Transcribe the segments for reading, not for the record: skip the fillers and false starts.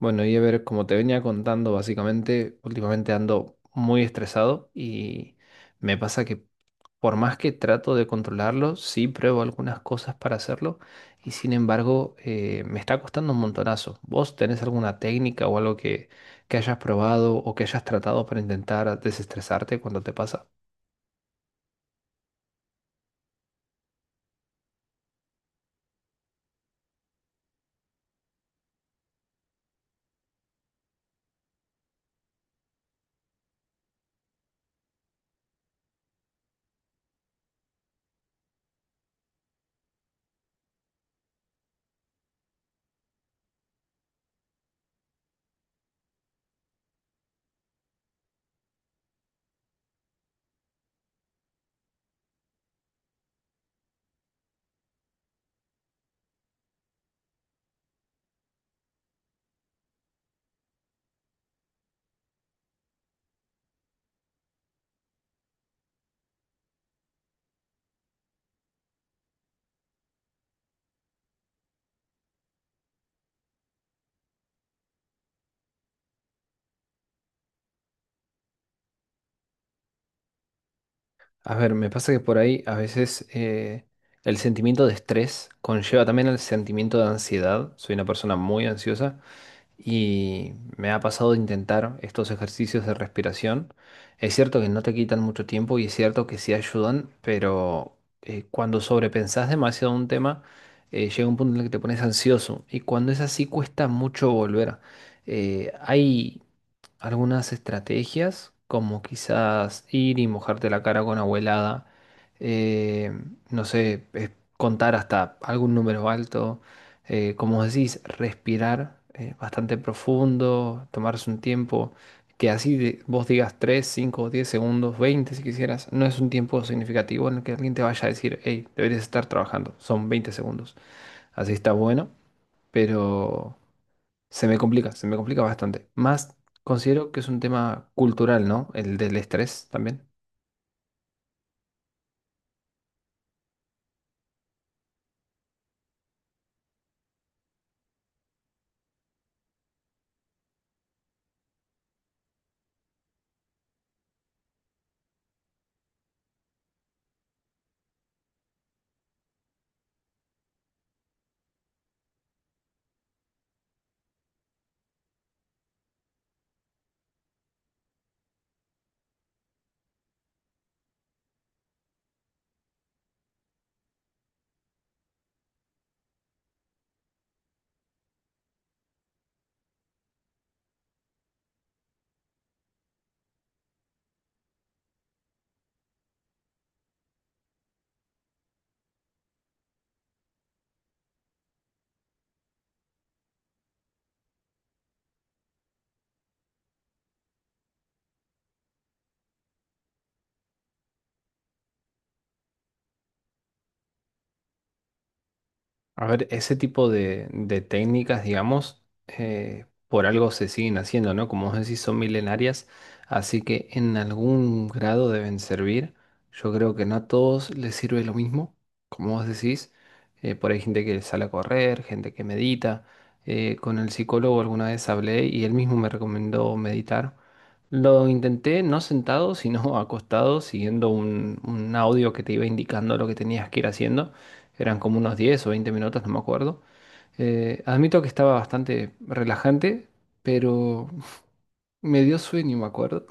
Bueno, y a ver, como te venía contando, básicamente, últimamente ando muy estresado y me pasa que por más que trato de controlarlo, sí pruebo algunas cosas para hacerlo y sin embargo me está costando un montonazo. ¿Vos tenés alguna técnica o algo que hayas probado o que hayas tratado para intentar desestresarte cuando te pasa? A ver, me pasa que por ahí a veces el sentimiento de estrés conlleva también el sentimiento de ansiedad. Soy una persona muy ansiosa. Y me ha pasado de intentar estos ejercicios de respiración. Es cierto que no te quitan mucho tiempo y es cierto que sí ayudan, pero cuando sobrepensás demasiado un tema, llega un punto en el que te pones ansioso y cuando es así cuesta mucho volver. Hay algunas estrategias, como quizás ir y mojarte la cara con agua helada, eh, no sé, contar hasta algún número alto, como decís, respirar bastante profundo, tomarse un tiempo, que así vos digas 3 5 10 segundos, 20 si quisieras, no es un tiempo significativo en el que alguien te vaya a decir, hey, deberías estar trabajando, son 20 segundos, así está bueno, pero... se me complica bastante. Más considero que es un tema cultural, ¿no? El del estrés también. A ver, ese tipo de técnicas, digamos, por algo se siguen haciendo, ¿no? Como vos decís, son milenarias, así que en algún grado deben servir. Yo creo que no a todos les sirve lo mismo, como vos decís. Por ahí gente que sale a correr, gente que medita. Con el psicólogo alguna vez hablé y él mismo me recomendó meditar. Lo intenté no sentado, sino acostado, siguiendo un audio que te iba indicando lo que tenías que ir haciendo. Eran como unos 10 o 20 minutos, no me acuerdo. Admito que estaba bastante relajante, pero me dio sueño, me acuerdo.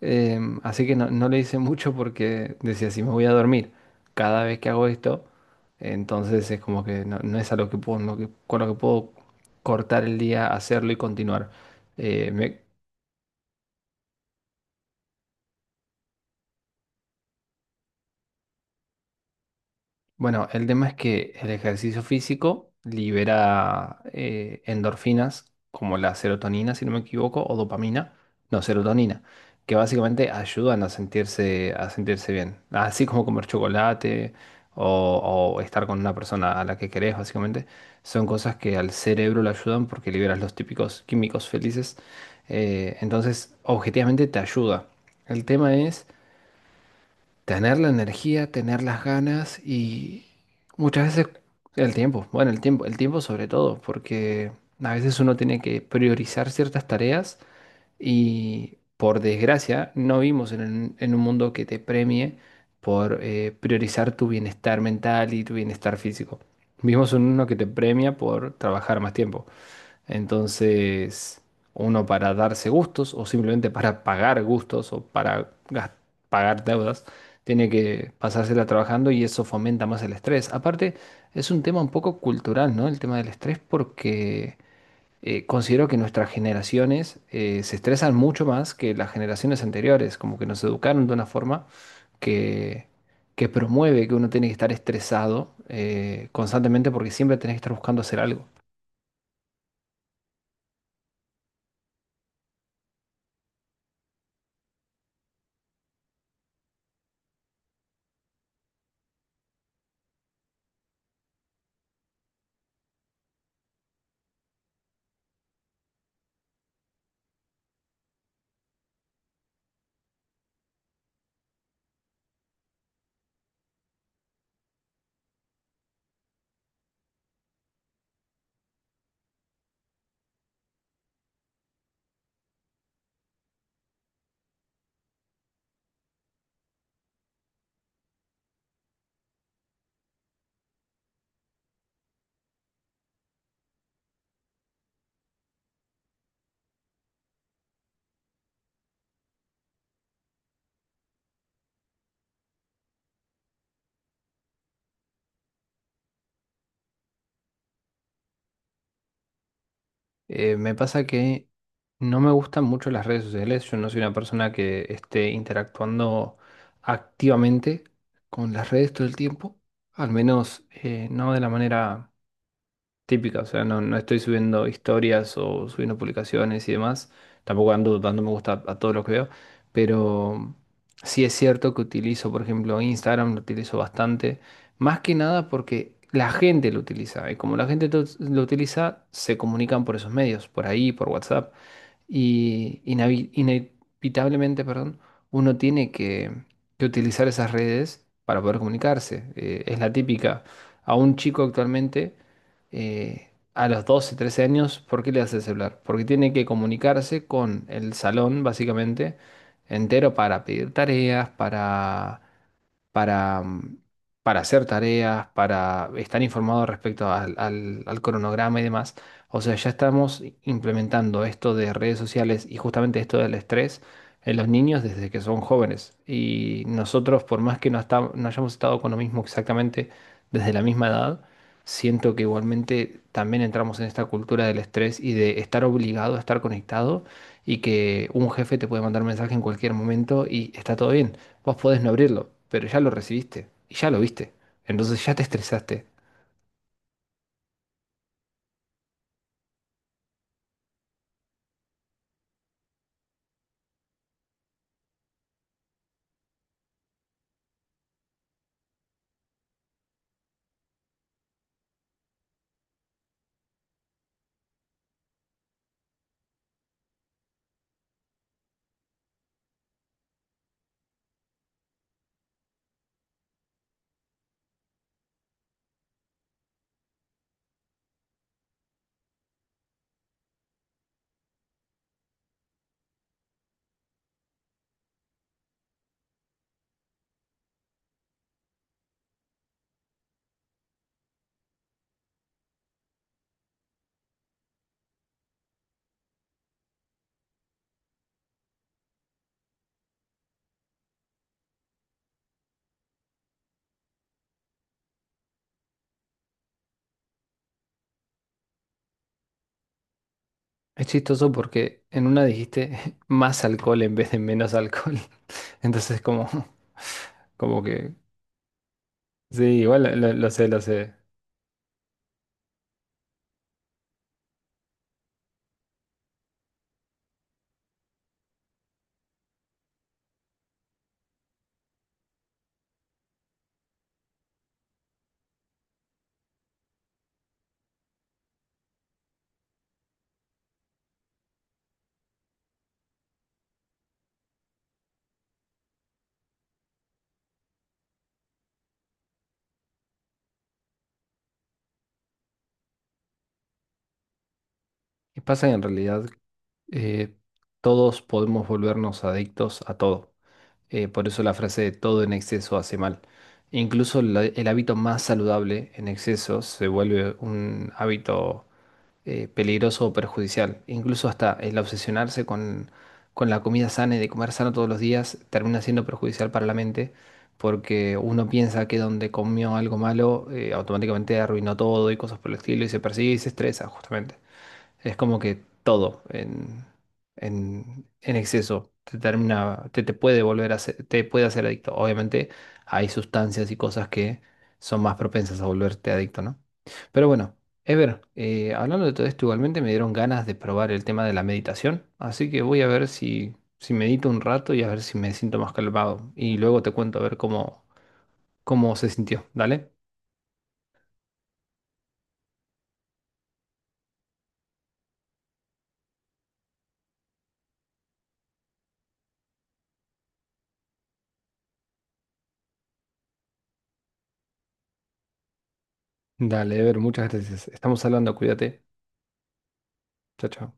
Así que no, no le hice mucho porque decía, si me voy a dormir cada vez que hago esto, entonces es como que no, no es algo que puedo, no que- con lo que puedo cortar el día, hacerlo y continuar. Eh, me- Bueno, el tema es que el ejercicio físico libera endorfinas como la serotonina, si no me equivoco, o dopamina, no, serotonina, que básicamente ayudan a sentirse bien. Así como comer chocolate o estar con una persona a la que querés, básicamente, son cosas que al cerebro le ayudan porque liberas los típicos químicos felices. Entonces, objetivamente te ayuda. El tema es tener la energía, tener las ganas y muchas veces el tiempo. Bueno, el tiempo sobre todo, porque a veces uno tiene que priorizar ciertas tareas y por desgracia no vivimos un en un mundo que te premie por priorizar tu bienestar mental y tu bienestar físico. Vivimos en uno que te premia por trabajar más tiempo. Entonces, uno para darse gustos o simplemente para pagar gustos o para pagar deudas, tiene que pasársela trabajando y eso fomenta más el estrés. Aparte, es un tema un poco cultural, ¿no? El tema del estrés porque considero que nuestras generaciones se estresan mucho más que las generaciones anteriores, como que nos educaron de una forma que... que promueve que uno tiene que estar estresado constantemente porque siempre tenés que estar buscando hacer algo. Me pasa que no me gustan mucho las redes sociales. Yo no soy una persona que esté interactuando activamente con las redes todo el tiempo. Al menos no de la manera típica, o sea, no, no estoy subiendo historias o subiendo publicaciones y demás, tampoco ando dando me gusta a todo lo que veo, pero sí es cierto que utilizo, por ejemplo, Instagram, lo utilizo bastante, más que nada porque la gente lo utiliza, y como la gente lo utiliza, se comunican por esos medios, por ahí, por WhatsApp. Y inevitablemente, perdón, uno tiene que utilizar esas redes para poder comunicarse. Es la típica. A un chico actualmente, a los 12, 13 años, ¿por qué le hace el celular? Porque tiene que comunicarse con el salón, básicamente, entero para pedir tareas, para para, mm, para hacer tareas, para estar informado respecto al cronograma y demás. O sea, ya estamos implementando esto de redes sociales y justamente esto del estrés en los niños desde que son jóvenes. Y nosotros, por más que no hayamos estado con lo mismo exactamente desde la misma edad, siento que igualmente también entramos en esta cultura del estrés y de estar obligado a estar conectado y que un jefe te puede mandar mensaje en cualquier momento y está todo bien. Vos podés no abrirlo, pero ya lo recibiste y ya lo viste. Entonces ya te estresaste. Es chistoso porque en una dijiste más alcohol en vez de menos alcohol. Entonces como, como que... Sí, igual lo sé, lo sé. Y pasa que en realidad eh, todos podemos volvernos adictos a todo. Por eso la frase de todo en exceso hace mal. Incluso el hábito más saludable en exceso se vuelve un hábito peligroso o perjudicial. Incluso hasta el obsesionarse con la comida sana y de comer sano todos los días termina siendo perjudicial para la mente, porque uno piensa que donde comió algo malo, automáticamente arruinó todo y cosas por el estilo y se persigue y se estresa, justamente. Es como que todo en exceso te termina, te puede volver a hacer, te puede hacer adicto. Obviamente hay sustancias y cosas que son más propensas a volverte adicto, ¿no? Pero bueno, Ever, hablando de todo esto, igualmente me dieron ganas de probar el tema de la meditación, así que voy a ver si, si medito un rato y a ver si me siento más calmado. Y luego te cuento a ver cómo, cómo se sintió. Dale. Dale, Ever, muchas gracias. Estamos hablando, cuídate. Chao, chao.